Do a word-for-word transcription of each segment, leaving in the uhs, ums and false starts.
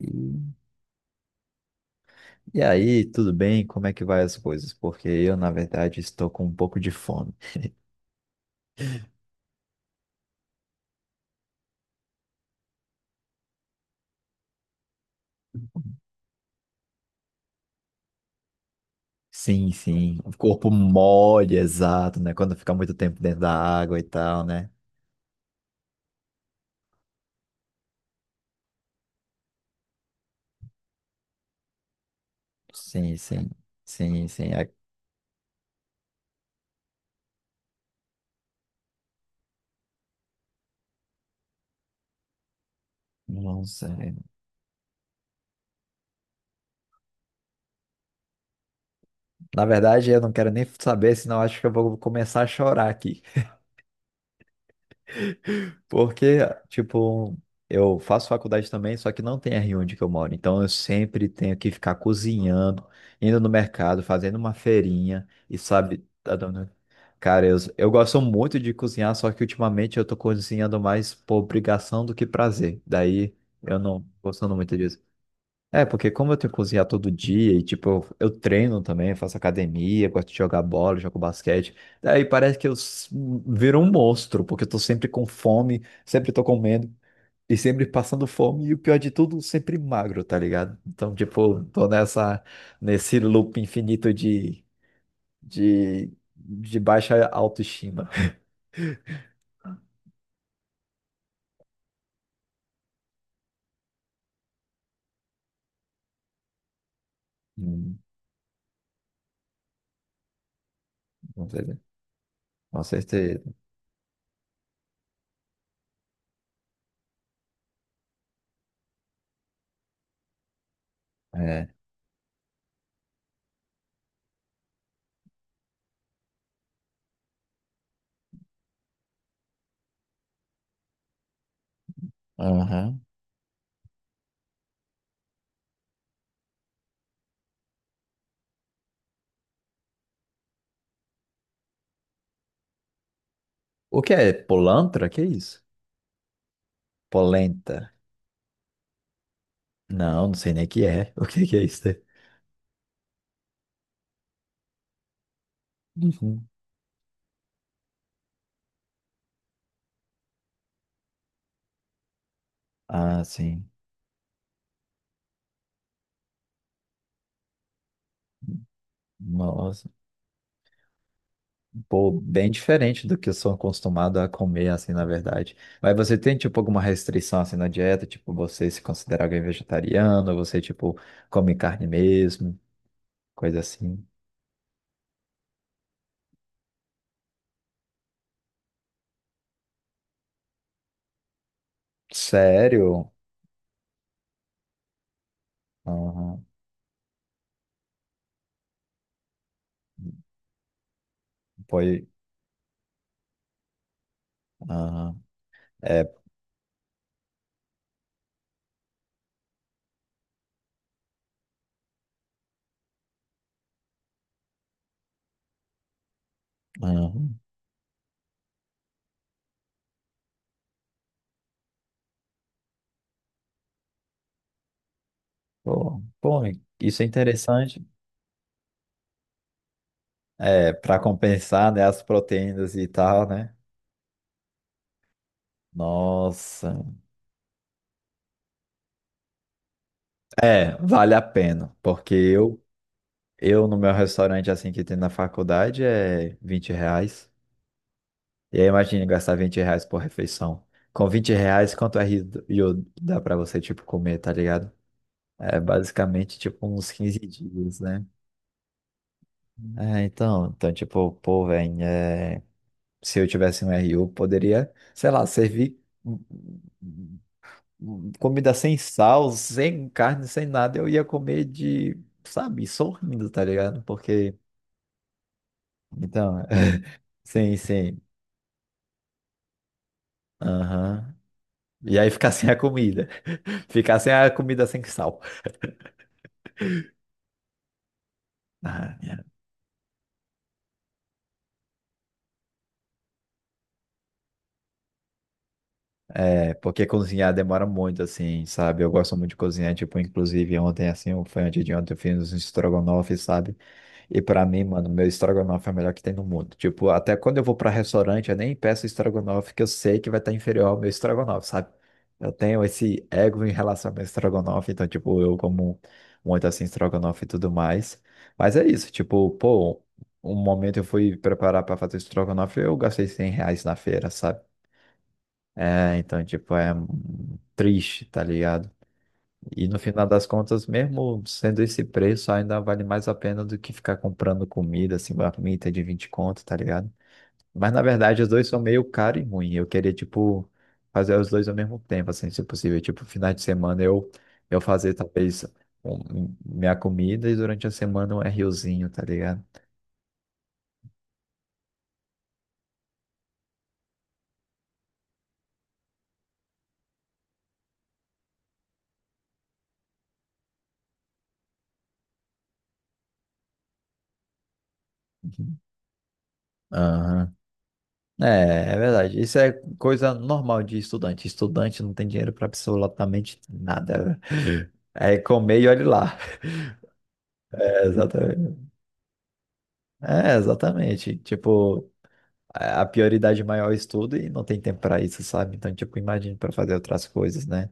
E e aí, tudo bem? Como é que vai as coisas? Porque eu, na verdade, estou com um pouco de fome. Sim, sim. O corpo mole, exato, né? Quando fica muito tempo dentro da água e tal, né? Sim, sim. Sim, sim. É- Nossa, é. Na verdade, eu não quero nem saber, senão eu acho que eu vou começar a chorar aqui. Porque, tipo, eu faço faculdade também, só que não tem R um onde que eu moro. Então eu sempre tenho que ficar cozinhando, indo no mercado, fazendo uma feirinha e sabe, tá dando- Cara, eu, eu gosto muito de cozinhar, só que ultimamente eu tô cozinhando mais por obrigação do que prazer. Daí eu não gostando muito disso. É, porque como eu tenho que cozinhar todo dia e, tipo, eu, eu treino também, faço academia, gosto de jogar bola, jogo basquete, daí parece que eu s- viro um monstro, porque eu tô sempre com fome, sempre tô comendo e sempre passando fome e o pior de tudo, sempre magro, tá ligado? Então, tipo, tô nessa, nesse loop infinito de, de, de baixa autoestima. Hum, com certeza. Com certeza. É. Aham. O que é? Polantra? Que é isso? Polenta. Não, não sei nem o que é. O que que é isso aí? Uhum. Ah, sim. Nossa, pô, bem diferente do que eu sou acostumado a comer, assim, na verdade. Mas você tem, tipo, alguma restrição, assim, na dieta? Tipo, você se considera alguém vegetariano? Você, tipo, come carne mesmo? Coisa assim. Sério? Aham. Foi. Aham. É. Aham. Pô, pô, isso é interessante. É, para compensar, né, as proteínas e tal, né? Nossa. É, vale a pena, porque eu, eu no meu restaurante assim que tem na faculdade é vinte reais. E aí imagina gastar vinte reais por refeição. Com vinte reais, quanto é rio rio dá pra você, tipo, comer, tá ligado? É basicamente, tipo, uns quinze dias, né? É, então, então, tipo, pô, velho, é, se eu tivesse um R U, poderia, sei lá, servir hum, hum, hum, comida sem sal, sem carne, sem nada, eu ia comer de, sabe, sorrindo, tá ligado? Porque então, sim, sim. Aham. E aí ficar sem a comida. Ficar sem a comida sem sal. Ah, É, É, porque cozinhar demora muito, assim, sabe? Eu gosto muito de cozinhar, tipo, inclusive ontem, assim, ou foi antes de ontem, eu fiz uns estrogonofe, sabe? E pra mim, mano, meu estrogonofe é o melhor que tem no mundo. Tipo, até quando eu vou pra restaurante, eu nem peço estrogonofe que eu sei que vai estar inferior ao meu estrogonofe, sabe? Eu tenho esse ego em relação ao meu estrogonofe, então, tipo, eu como muito assim estrogonofe e tudo mais. Mas é isso, tipo, pô, um momento eu fui preparar pra fazer estrogonofe, eu gastei cem reais na feira, sabe? É, então, tipo, é hum, triste, tá ligado? E no final das contas, mesmo sendo esse preço, ainda vale mais a pena do que ficar comprando comida, assim, marmita de vinte conto, tá ligado? Mas na verdade, os dois são meio caro e ruim. Eu queria, tipo, fazer os dois ao mesmo tempo, assim, se possível. Tipo, final de semana eu, eu fazer talvez um- minha comida e durante a semana um RUzinho, tá ligado? Aham. É, é verdade. Isso é coisa normal de estudante. Estudante não tem dinheiro para absolutamente nada. É comer e olhe lá. É, exatamente. É, exatamente. Tipo, a a prioridade maior é o estudo e não tem tempo para isso, sabe? Então, tipo, imagina para fazer outras coisas, né?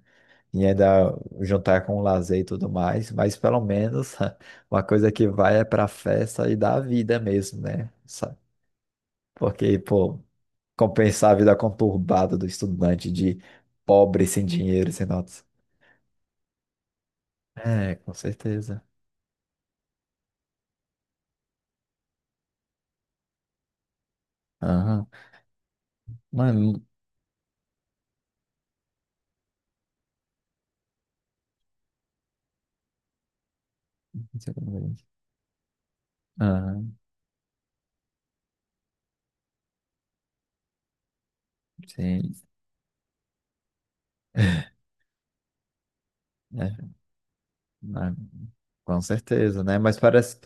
E ainda juntar com o lazer e tudo mais, mas pelo menos uma coisa que vai é pra festa e dá vida mesmo, né? Sa- Porque, pô, compensar a vida conturbada do estudante de pobre, sem dinheiro, sem notas. É, com certeza. Aham. Mano, não sei como é. Aham, sim. É, mas- com certeza, né? Mas parece.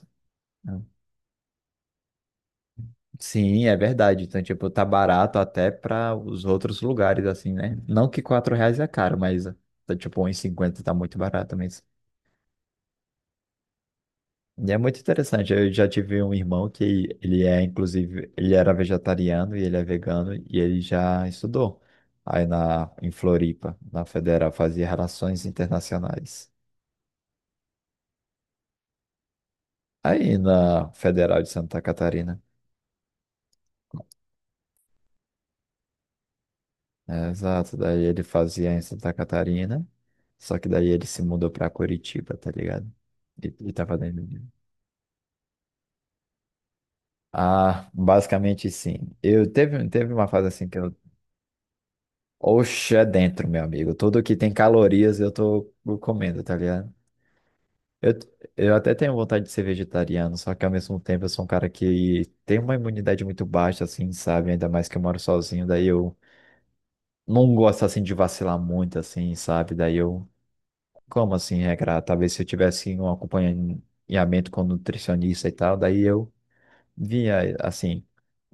Sim, é verdade. Então, tipo, tá barato até para os outros lugares, assim, né? Não que quatro reais é caro, mas tá, tipo, um e cinquenta tá muito barato mesmo. E é muito interessante. Eu já tive um irmão que ele é, inclusive, ele era vegetariano e ele é vegano e ele já estudou aí na, em Floripa, na Federal, fazia Relações Internacionais. Aí na Federal de Santa Catarina. É, exato, daí ele fazia em Santa Catarina, só que daí ele se mudou pra Curitiba, tá ligado? E, e tá fazendo. Ah, basicamente sim. Eu teve, teve uma fase assim que eu. Oxe, é dentro, meu amigo. Tudo que tem calorias eu tô comendo, tá ligado? Eu, eu até tenho vontade de ser vegetariano, só que ao mesmo tempo eu sou um cara que tem uma imunidade muito baixa, assim, sabe? Ainda mais que eu moro sozinho, daí eu não gosto assim de vacilar muito, assim, sabe? Daí eu. Como assim regrar? Talvez se eu tivesse um acompanhamento com nutricionista e tal, daí eu vinha, assim,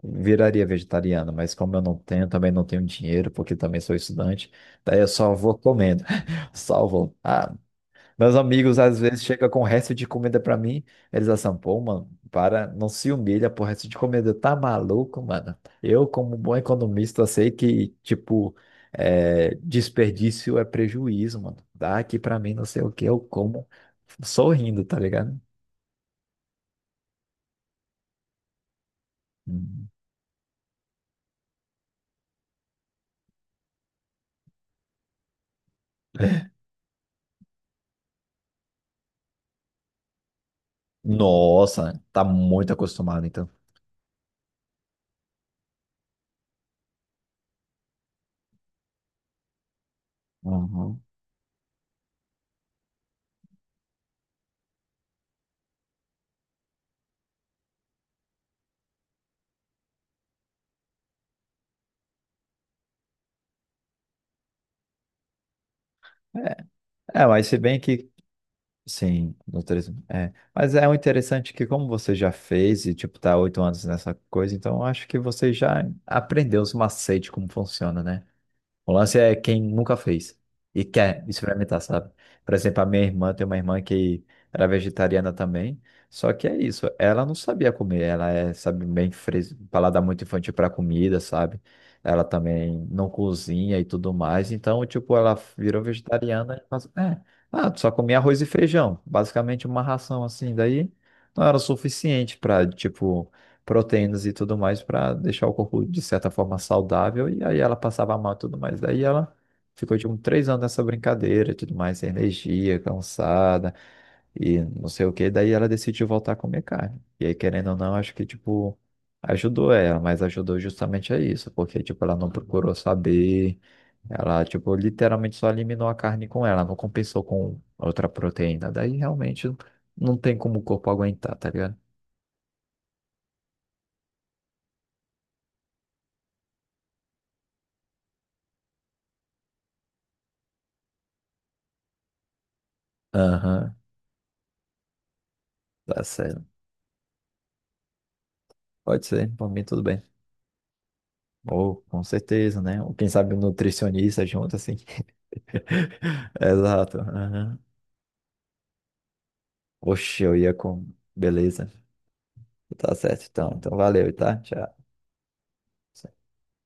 viraria vegetariano, mas como eu não tenho, também não tenho dinheiro, porque também sou estudante, daí eu só vou comendo. Salvo. Meus amigos às vezes chegam com resto de comida pra mim, eles assim, pô, mano, para, não se humilha por resto de comida, tá maluco, mano? Eu, como bom economista, sei que, tipo, é, desperdício é prejuízo, mano. Dá aqui pra mim, não sei o que, eu como sorrindo, tá ligado? Uhum. Nossa, tá muito acostumado, então. Uhum. É, mas se bem que sim, no turismo. É. Mas é o interessante que como você já fez e tipo tá há oito anos nessa coisa, então eu acho que você já aprendeu os macetes como funciona, né? O lance é quem nunca fez e quer experimentar, sabe? Por exemplo, a minha irmã tem uma irmã que era vegetariana também, só que é isso, ela não sabia comer, ela é, sabe, bem fres... paladar muito infantil para comida, sabe? Ela também não cozinha e tudo mais, então, tipo, ela virou vegetariana e faz... é, ah, só comia arroz e feijão, basicamente uma ração assim, daí não era o suficiente para, tipo proteínas e tudo mais para deixar o corpo de certa forma saudável e aí ela passava mal e tudo mais. Daí ela ficou tipo três anos nessa brincadeira, e tudo mais, sem energia, cansada e não sei o que. Daí ela decidiu voltar a comer carne. E aí, querendo ou não, acho que tipo ajudou ela, mas ajudou justamente a isso, porque tipo ela não procurou saber. Ela, tipo, literalmente só eliminou a carne com ela, não compensou com outra proteína. Daí realmente não tem como o corpo aguentar, tá ligado? Aham, tá certo. Pode ser, por mim tudo bem. Ou com certeza, né? Ou quem sabe um nutricionista junto, assim. Exato. Aham. Oxe, eu ia com. Beleza. Tá certo, então. Então valeu, tá? Tchau.